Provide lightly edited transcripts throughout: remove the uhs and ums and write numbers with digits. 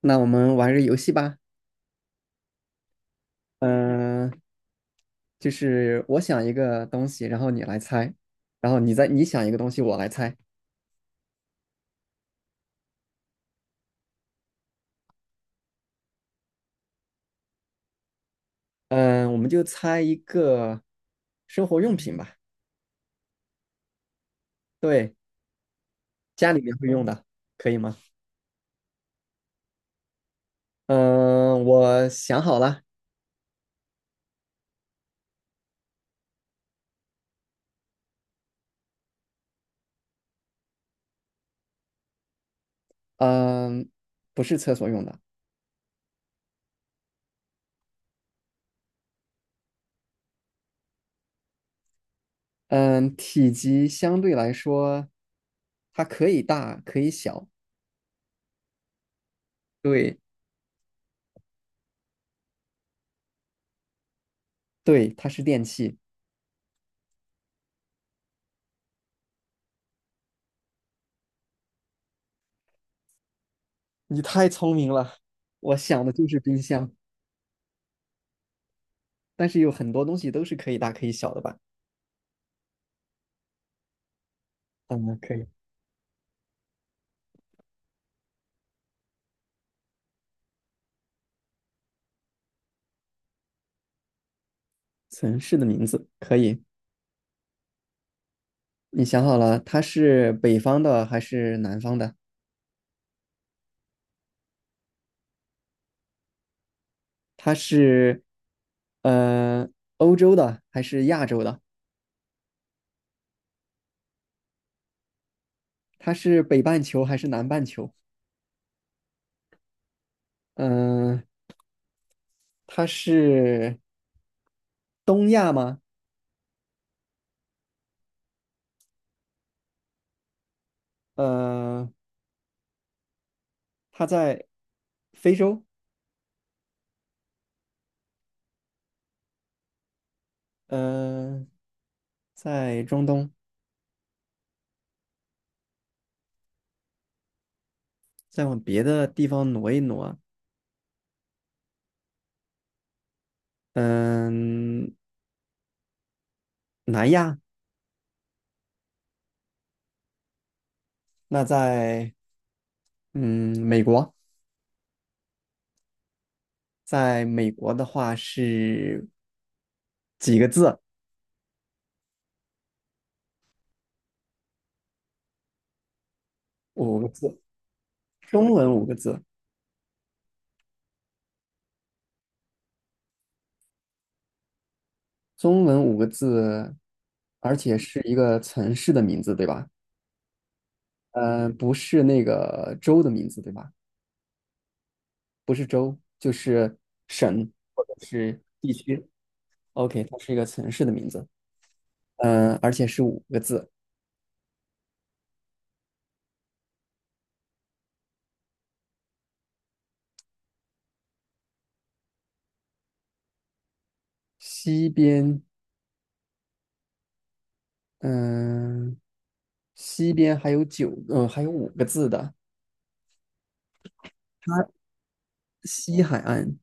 那我们玩个游戏吧。嗯、就是我想一个东西，然后你来猜，然后你想一个东西，我来猜。嗯、我们就猜一个生活用品吧，对，家里面会用的，可以吗？嗯、我想好了，嗯、不是厕所用的，嗯、体积相对来说，它可以大，可以小，对，对，它是电器。你太聪明了，我想的就是冰箱。但是有很多东西都是可以大可以小的吧？嗯，可以。城市的名字可以，你想好了，它是北方的还是南方的？它是呃欧洲的还是亚洲的？它是北半球还是南半球？嗯、它是东亚吗？呃，它在非洲，嗯、在中东，再往别的地方挪一挪啊，嗯、南亚。那在美国，在美国的话是几个字？五个字，中文五个字，中文五个字，而且是一个城市的名字，对吧？不是那个州的名字，对吧？不是州，就是省或者是地区。OK，它是一个城市的名字，而且是五个字。西边，嗯、西边还有九，还有五个字的。它西海岸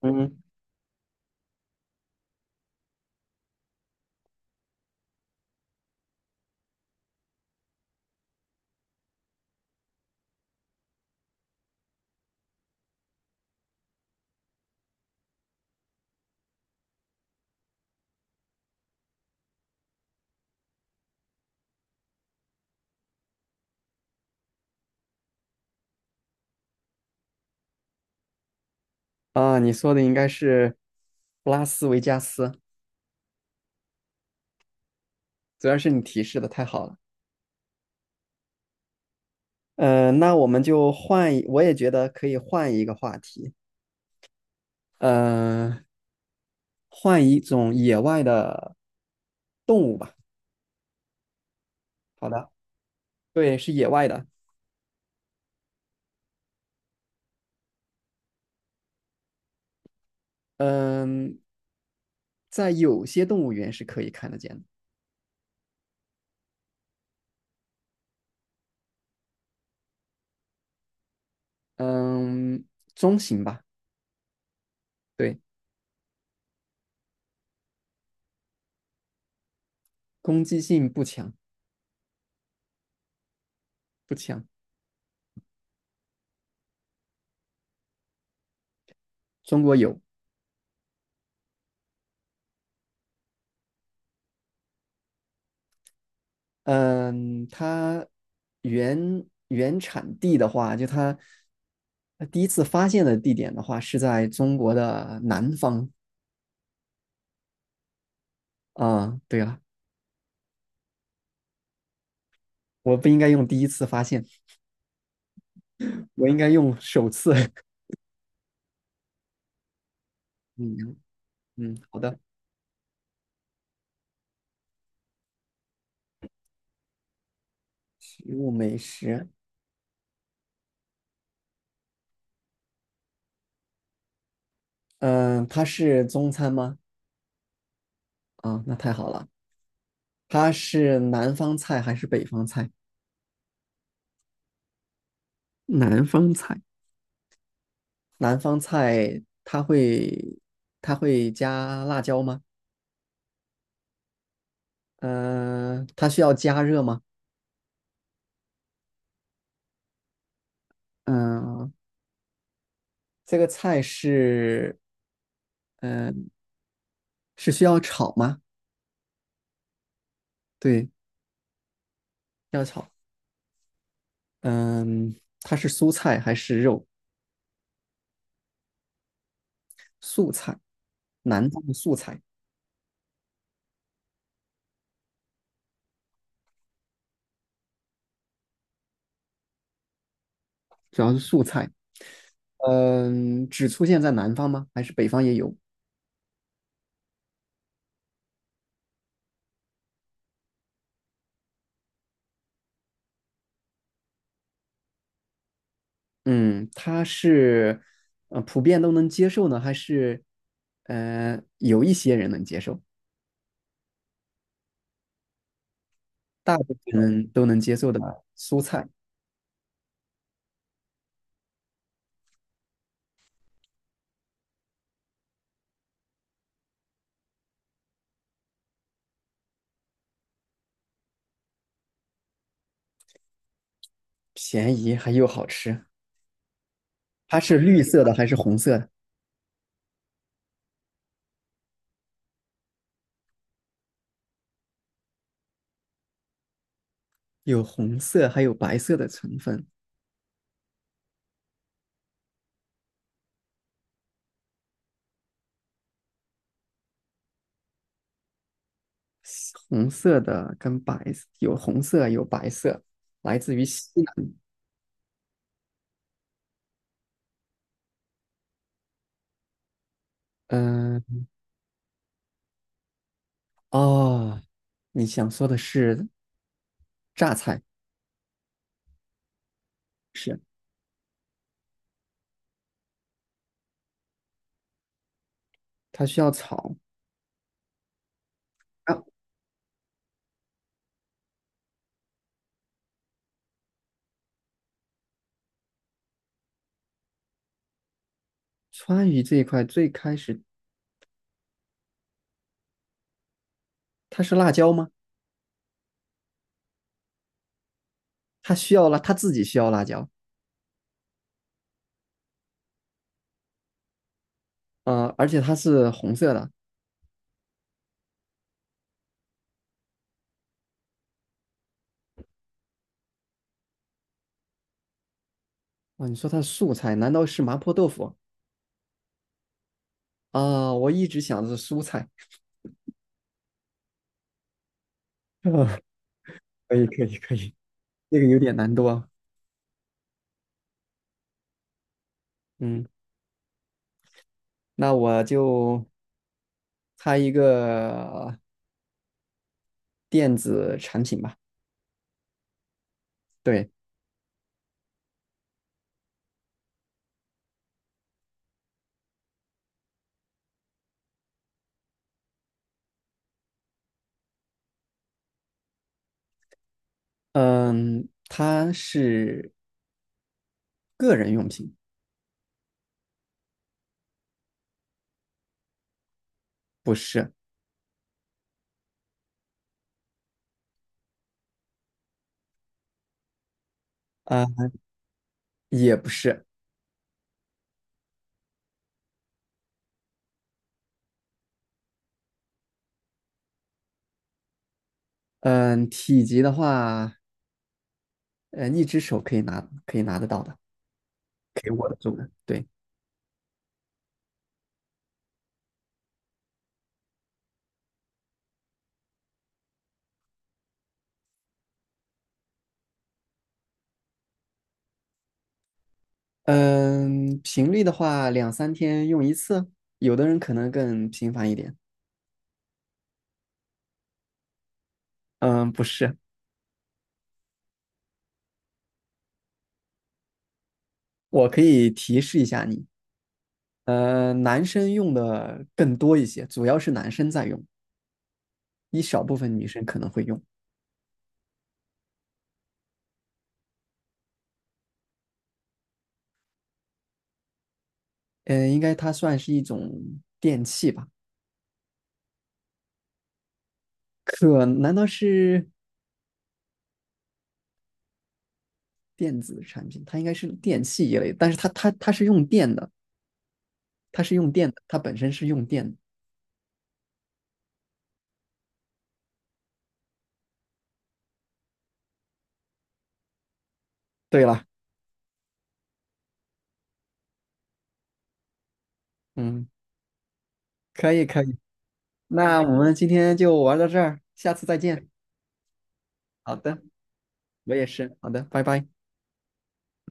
嗯，啊，你说的应该是拉斯维加斯，主要是你提示的太好了。嗯，那我们就换一，我也觉得可以换一个话题，嗯，换一种野外的动物吧。好的，对，是野外的。嗯、在有些动物园是可以看得见的。嗯、中型吧，对，攻击性不强，不强。中国有，嗯，它原产地的话，就它第一次发现的地点的话，是在中国的南方啊。对了，我不应该用第一次发现，我应该用首次。嗯嗯，好的。食物美食，嗯，它是中餐吗？啊，那太好了。它是南方菜还是北方菜？南方菜，南方菜它会加辣椒吗？它需要加热吗？嗯、这个菜是，嗯、是需要炒吗？对，要炒。嗯、它是蔬菜还是肉？素菜，南方的素菜，主要是素菜。只出现在南方吗？还是北方也有？嗯，它是，普遍都能接受呢，还是，有一些人能接受，大部分人都能接受的蔬菜，便宜还又好吃。它是绿色的还是红色的？有红色，还有白色的成分。红色的跟白有红色，有白色，来自于西南。嗯、哦，你想说的是榨菜，是它需要炒。啊川渝这一块最开始它是辣椒吗？它需要辣，它自己需要辣椒。啊，而且它是红色的。哦，你说它是素菜，难道是麻婆豆腐？啊、我一直想的是蔬菜。啊，可以可以可以，这个有点难度啊。嗯，那我就猜一个电子产品吧。对，嗯，它是个人用品，不是，啊、也不是。嗯，体积的话，嗯，一只手可以拿，可以拿得到的，可以握得住的。对，嗯，频率的话，两三天用一次，有的人可能更频繁一点。嗯，不是，我可以提示一下你。男生用的更多一些，主要是男生在用，一小部分女生可能会用。应该它算是一种电器吧？可难道是电子产品？它应该是电器一类，但是它是用电的，它是用电的，它本身是用电的。对了，嗯，可以可以，那我们今天就玩到这儿，下次再见。好的，我也是，好的，拜拜。